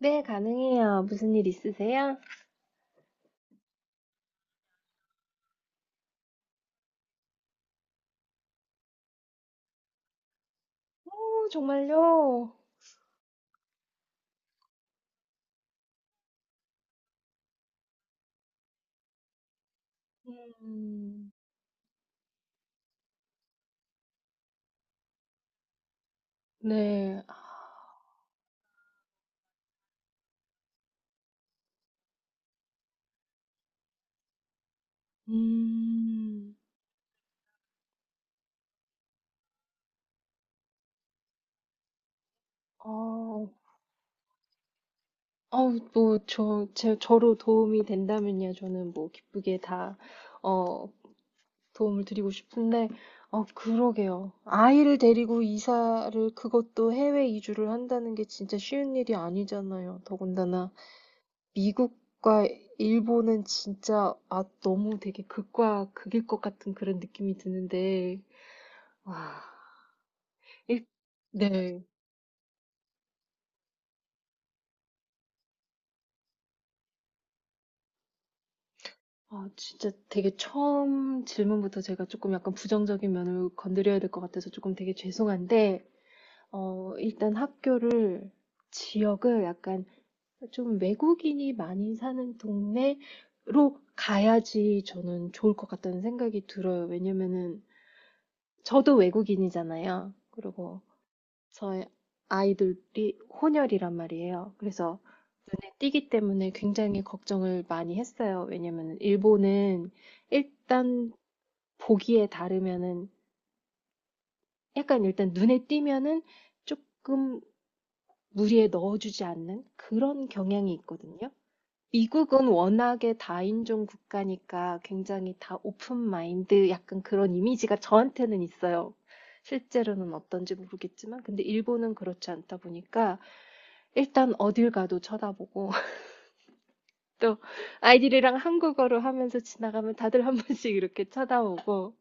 네, 가능해요. 무슨 일 있으세요? 오, 정말요? 음, 네. 음, 어, 아우, 뭐, 저로 도움이 된다면요. 저는 뭐, 기쁘게 어, 도움을 드리고 싶은데, 어, 그러게요. 아이를 데리고 이사를, 그것도 해외 이주를 한다는 게 진짜 쉬운 일이 아니잖아요. 더군다나, 미국과 일본은 진짜 너무 되게 극과 극일 것 같은 그런 느낌이 드는데 와 일, 네. 아 진짜 되게 처음 질문부터 제가 조금 약간 부정적인 면을 건드려야 될 것 같아서 조금 되게 죄송한데 일단 학교를 지역을 약간 좀 외국인이 많이 사는 동네로 가야지 저는 좋을 것 같다는 생각이 들어요. 왜냐면은 저도 외국인이잖아요. 그리고 저의 아이들이 혼혈이란 말이에요. 그래서 눈에 띄기 때문에 굉장히 걱정을 많이 했어요. 왜냐면 일본은 일단 보기에 다르면은 약간 일단 눈에 띄면은 조금 무리에 넣어주지 않는 그런 경향이 있거든요. 미국은 워낙에 다인종 국가니까 굉장히 다 오픈 마인드 약간 그런 이미지가 저한테는 있어요. 실제로는 어떤지 모르겠지만 근데 일본은 그렇지 않다 보니까 일단 어딜 가도 쳐다보고 또 아이들이랑 한국어로 하면서 지나가면 다들 한 번씩 이렇게 쳐다보고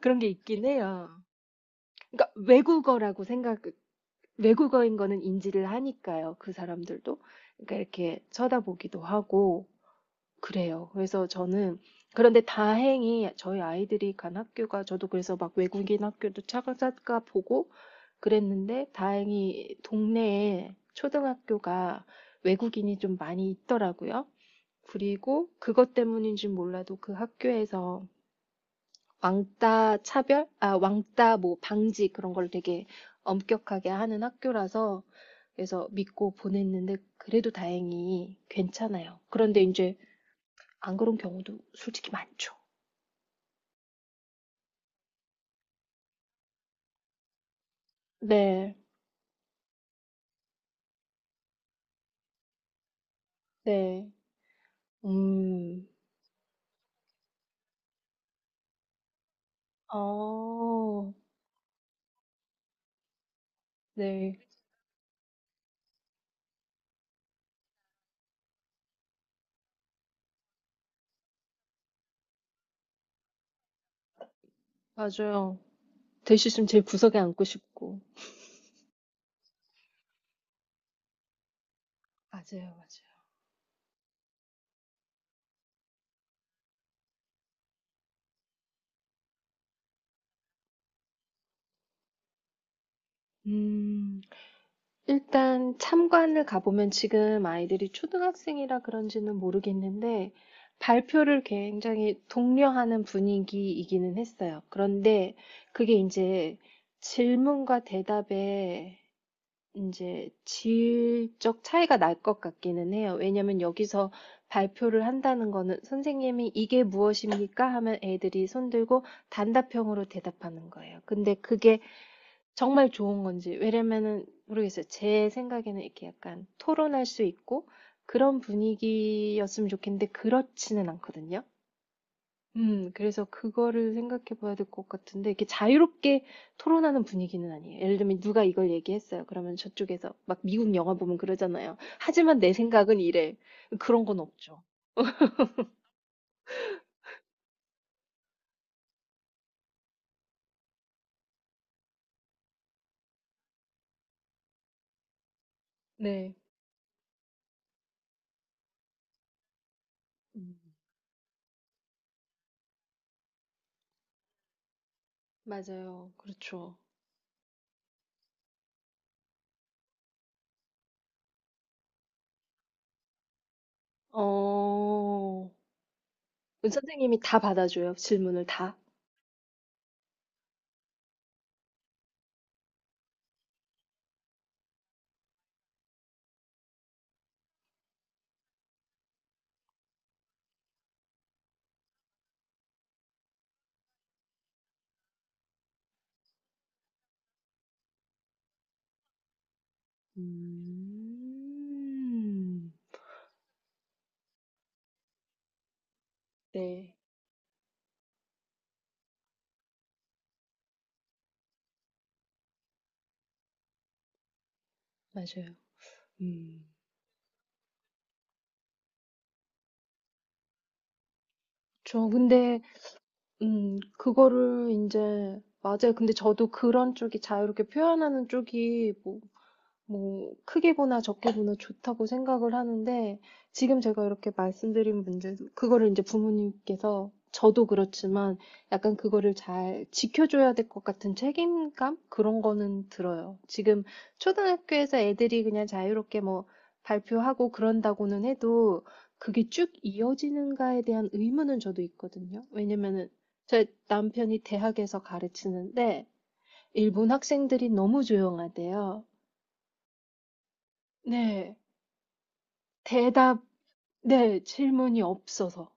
그런 게 있긴 해요. 그러니까 외국어라고 생각, 외국어인 거는 인지를 하니까요. 그 사람들도. 그러니까 이렇게 쳐다보기도 하고 그래요. 그래서 저는 그런데 다행히 저희 아이들이 간 학교가 저도 그래서 막 외국인 학교도 차가차가 보고 그랬는데 다행히 동네에 초등학교가 외국인이 좀 많이 있더라고요. 그리고 그것 때문인지 몰라도 그 학교에서 왕따 뭐 방지 그런 걸 되게 엄격하게 하는 학교라서 그래서 믿고 보냈는데 그래도 다행히 괜찮아요. 그런데 이제 안 그런 경우도 솔직히 많죠. 네, 네, 음, 어, 네, 맞아요. 될 수 있으면 제 구석에 앉고 싶고. 맞아요, 맞아요. 음. 일단 참관을 가보면 지금 아이들이 초등학생이라 그런지는 모르겠는데 발표를 굉장히 독려하는 분위기이기는 했어요. 그런데 그게 이제 질문과 대답의 이제 질적 차이가 날 것 같기는 해요. 왜냐면 여기서 발표를 한다는 거는 선생님이 이게 무엇입니까? 하면 애들이 손들고 단답형으로 대답하는 거예요. 근데 그게 정말 좋은 건지. 왜냐면은 모르겠어요. 제 생각에는 이렇게 약간 토론할 수 있고 그런 분위기였으면 좋겠는데 그렇지는 않거든요. 그래서 그거를 생각해 봐야 될 것 같은데 이렇게 자유롭게 토론하는 분위기는 아니에요. 예를 들면 누가 이걸 얘기했어요. 그러면 저쪽에서 막 미국 영화 보면 그러잖아요. 하지만 내 생각은 이래. 그런 건 없죠. 네. 음, 맞아요. 그렇죠. 어, 선생님이 다 받아줘요. 질문을 다. 음. 네. 맞아요. 음. 저 근데 그거를 이제 맞아요. 근데 저도 그런 쪽이 자유롭게 표현하는 쪽이 뭐 크게 보나 적게 보나 좋다고 생각을 하는데 지금 제가 이렇게 말씀드린 문제 그거를 이제 부모님께서 저도 그렇지만 약간 그거를 잘 지켜줘야 될 것 같은 책임감 그런 거는 들어요. 지금 초등학교에서 애들이 그냥 자유롭게 뭐 발표하고 그런다고는 해도 그게 쭉 이어지는가에 대한 의문은 저도 있거든요. 왜냐면은 제 남편이 대학에서 가르치는데 일본 학생들이 너무 조용하대요. 네. 대답, 네, 질문이 없어서.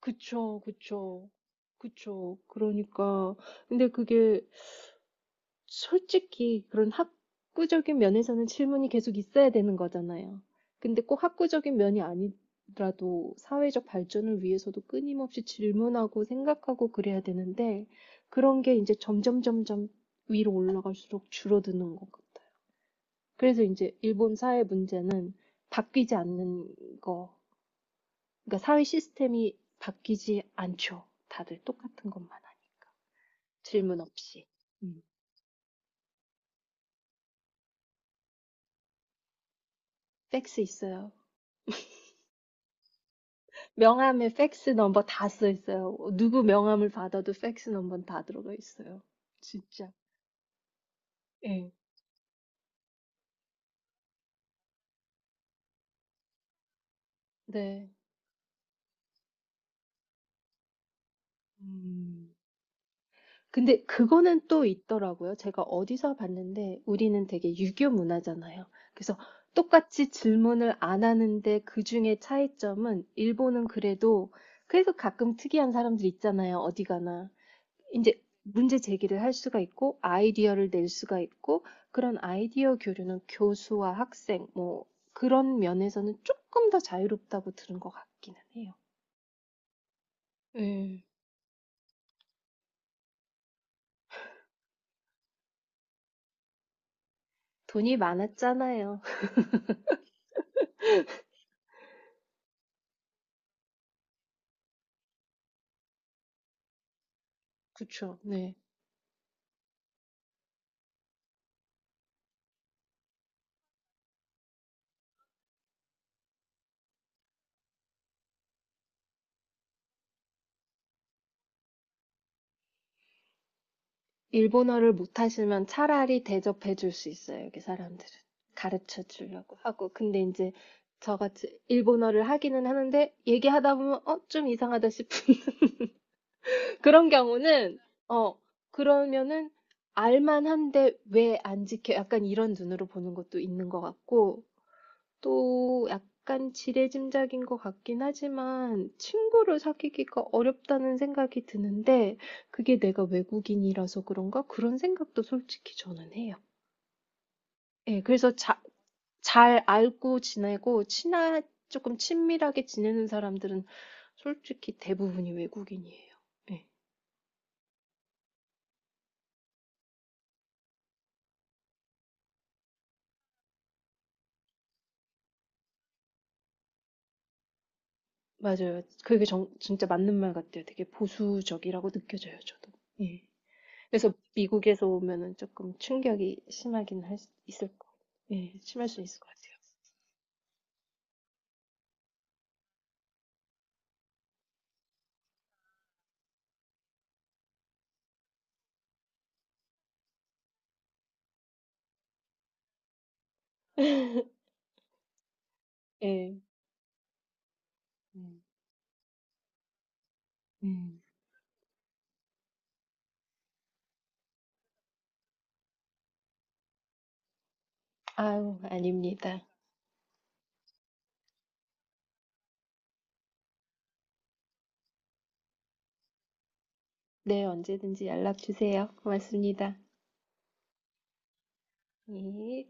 그쵸, 그쵸, 그쵸. 그러니까, 근데 그게 솔직히 그런 학구적인 면에서는 질문이 계속 있어야 되는 거잖아요. 근데 꼭 학구적인 면이 아니더라도 사회적 발전을 위해서도 끊임없이 질문하고 생각하고 그래야 되는데, 그런 게 이제 점점 위로 올라갈수록 줄어드는 것 같아요. 그래서 이제 일본 사회 문제는 바뀌지 않는 거. 그러니까 사회 시스템이 바뀌지 않죠. 다들 똑같은 것만 하니까. 질문 없이. 음. 팩스 있어요. 명함에 팩스 넘버 다 써 있어요. 누구 명함을 받아도 팩스 넘버는 다 들어가 있어요. 진짜. 예. 네. 음. 근데 그거는 또 있더라고요. 제가 어디서 봤는데 우리는 되게 유교 문화잖아요. 그래서 똑같이 질문을 안 하는데 그중에 차이점은 일본은 그래도 그래서 가끔 특이한 사람들 있잖아요. 어디 가나. 이제 문제 제기를 할 수가 있고 아이디어를 낼 수가 있고 그런 아이디어 교류는 교수와 학생 뭐 그런 면에서는 조금 더 자유롭다고 들은 것 같기는 해요. 네. 돈이 많았잖아요. 그쵸, 네. 일본어를 못하시면 차라리 대접해 줄 수 있어요, 여기 사람들은. 가르쳐 주려고 하고. 근데 이제 저같이 일본어를 하기는 하는데 얘기하다 보면 어, 좀 이상하다 싶은 그런 경우는 어, 그러면은 알만한데 왜 안 지켜? 약간 이런 눈으로 보는 것도 있는 것 같고. 또 약간 지레짐작인 것 같긴 하지만 친구를 사귀기가 어렵다는 생각이 드는데 그게 내가 외국인이라서 그런가? 그런 생각도 솔직히 저는 해요. 예, 그래서 자, 잘 알고 조금 친밀하게 지내는 사람들은 솔직히 대부분이 외국인이에요. 예, 맞아요. 진짜 맞는 말 같아요. 되게 보수적이라고 느껴져요, 저도. 예. 그래서 미국에서 오면은 조금 충격이 심하긴 할 수- 있을 거, 예, 심할 수 있을 것 같아요. 예, 음, 음. 아유, 아닙니다. 네, 언제든지 연락 주세요. 고맙습니다. 예.